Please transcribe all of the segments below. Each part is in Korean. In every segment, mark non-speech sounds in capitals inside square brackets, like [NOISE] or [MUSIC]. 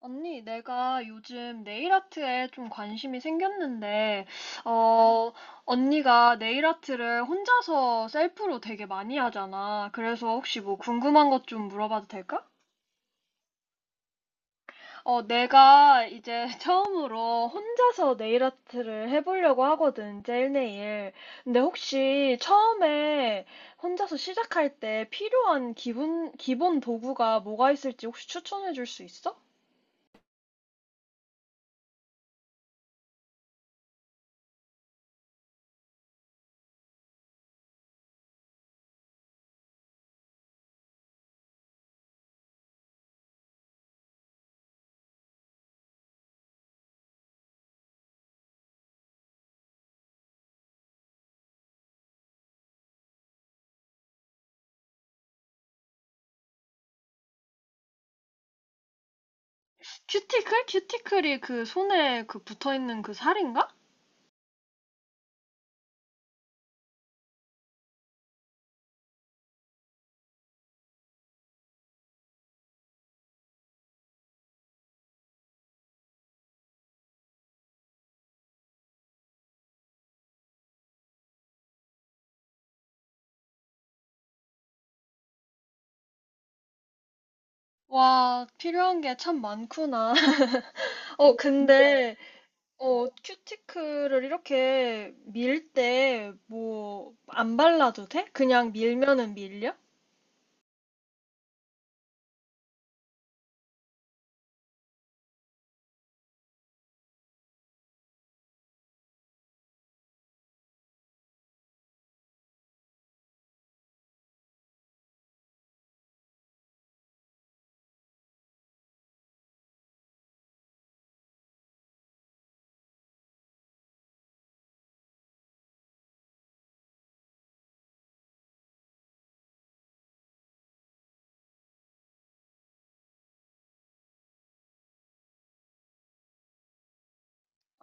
언니, 내가 요즘 네일 아트에 좀 관심이 생겼는데, 어, 언니가 네일 아트를 혼자서 셀프로 되게 많이 하잖아. 그래서 혹시 뭐 궁금한 것 좀 물어봐도 될까? 어, 내가 이제 [LAUGHS] 처음으로 혼자서 네일 아트를 해보려고 하거든, 젤네일. 근데 혹시 처음에 혼자서 시작할 때 필요한 기본 도구가 뭐가 있을지 혹시 추천해 줄 수 있어? 큐티클? 큐티클이 그 손에 그 붙어 있는 그 살인가? 와, 필요한 게 참 많구나. [LAUGHS] 어, 근데 어, 큐티클을 이렇게 밀때 뭐 안 발라도 돼? 그냥 밀면은 밀려?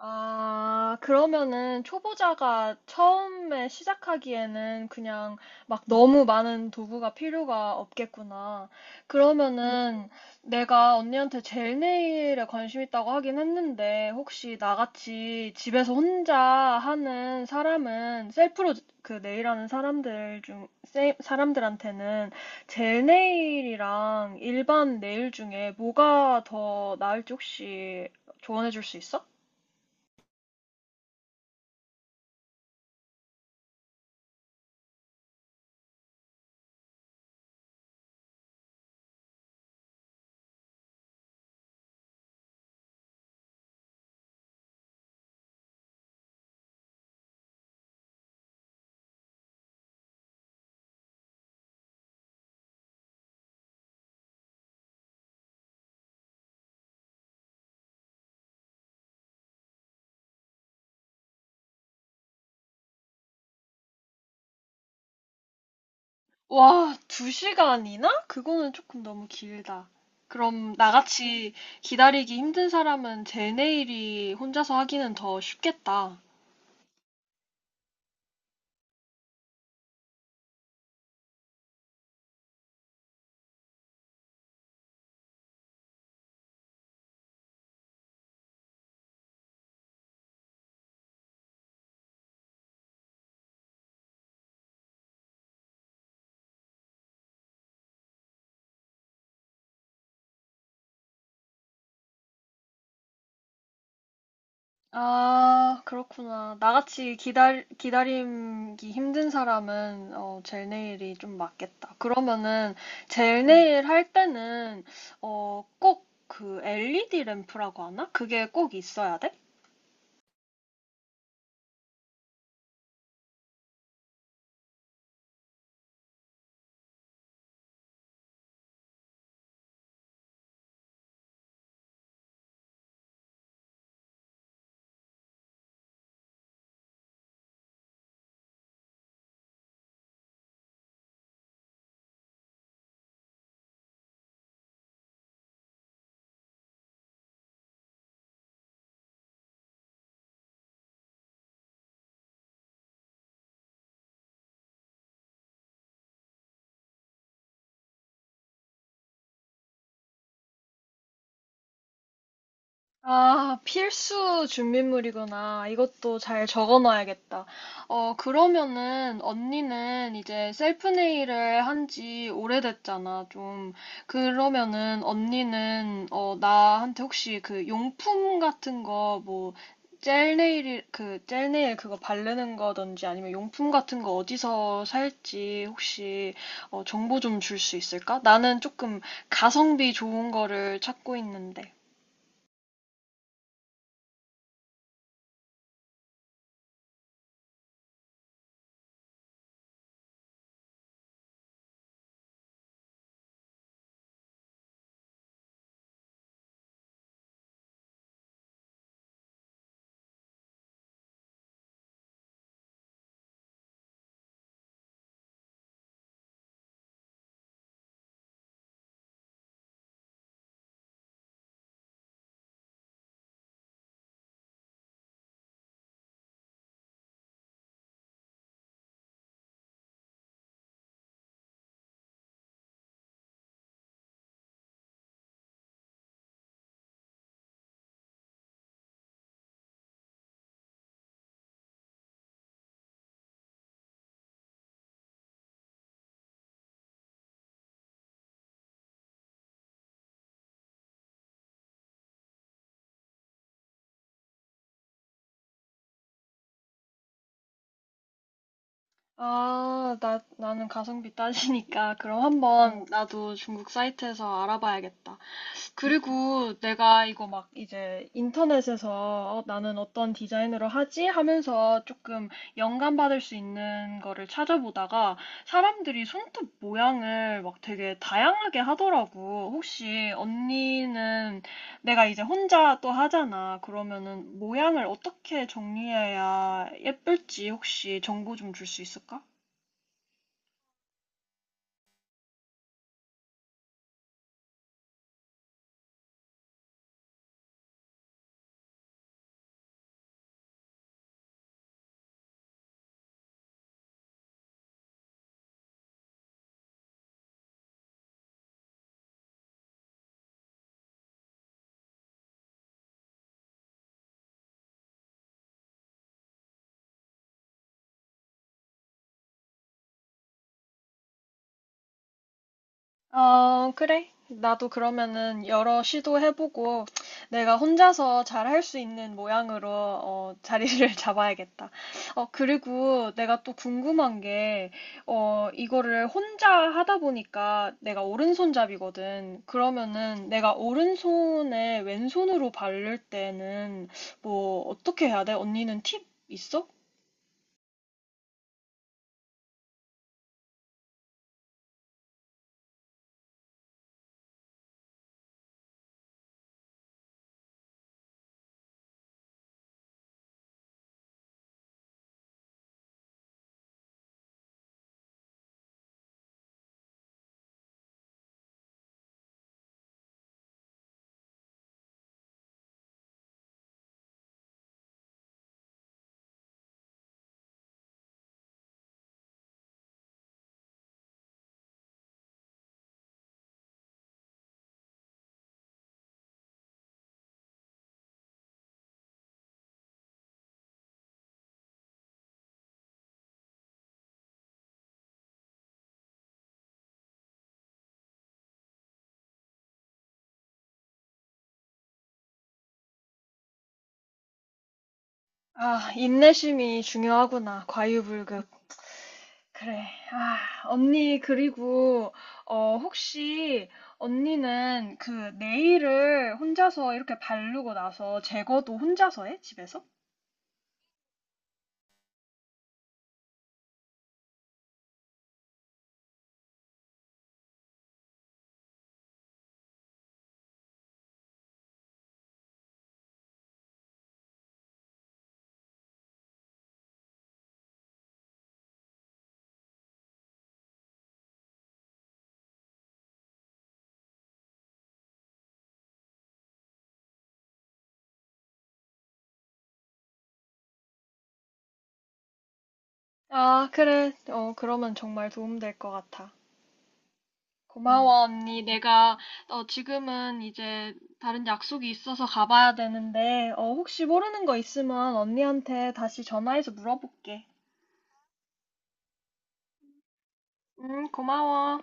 아, 그러면은 초보자가 처음에 시작하기에는 그냥 막 너무 많은 도구가 필요가 없겠구나. 그러면은 내가 언니한테 젤네일에 관심 있다고 하긴 했는데 혹시 나같이 집에서 혼자 하는 사람은 셀프로 그 네일하는 사람들 중 사람들한테는 젤네일이랑 일반 네일 중에 뭐가 더 나을지 혹시 조언해 줄 수 있어? 와, 2시간이나? 그거는 조금 너무 길다. 그럼 나같이 기다리기 힘든 사람은 제 내일이 혼자서 하기는 더 쉽겠다. 아, 그렇구나. 나같이 기다리기 힘든 사람은 어, 젤 네일이 좀 맞겠다. 그러면은 젤 네일 할 때는 어, 꼭 그 LED 램프라고 하나? 그게 꼭 있어야 돼? 아, 필수 준비물이구나. 이것도 잘 적어놔야겠다. 어, 그러면은 언니는 이제 셀프 네일을 한지 오래됐잖아, 좀. 그러면은 언니는 어, 나한테 혹시 그 용품 같은 거 뭐 젤 네일 그거 바르는 거든지 아니면 용품 같은 거 어디서 살지 혹시 어, 정보 좀 줄 수 있을까? 나는 조금 가성비 좋은 거를 찾고 있는데. 아, 나는 가성비 따지니까 [LAUGHS] 그럼 한번 어, 나도 중국 사이트에서 알아봐야겠다. 그리고 내가 이거 막 이제 인터넷에서 어, 나는 어떤 디자인으로 하지? 하면서 조금 영감받을 수 있는 거를 찾아보다가 사람들이 손톱 모양을 막 되게 다양하게 하더라고. 혹시 언니는 내가 이제 혼자 또 하잖아. 그러면은 모양을 어떻게 정리해야 예쁠지 혹시 정보 좀 줄 수 있을까? 어, 그래. 나도 그러면은 여러 시도해보고 내가 혼자서 잘 할 수 있는 모양으로 어, 자리를 [LAUGHS] 잡아야겠다. 어, 그리고 내가 또 궁금한 게, 어, 이거를 혼자 하다 보니까 내가 오른손잡이거든. 그러면은 내가 오른손에 왼손으로 바를 때는 뭐 어떻게 해야 돼? 언니는 팁 있어? 아, 인내심이 중요하구나. 과유불급. 그래. 아, 언니, 그리고, 어, 혹시, 언니는 그 네일을 혼자서 이렇게 바르고 나서 제거도 혼자서 해? 집에서? 아, 그래. 어, 그러면 정말 도움될 것 같아. 음. 고마워, 언니. 내가, 어, 지금은 이제 다른 약속이 있어서 가봐야 되는데, 어, 혹시 모르는 거 있으면 언니한테 다시 전화해서 물어볼게. 응, 고마워.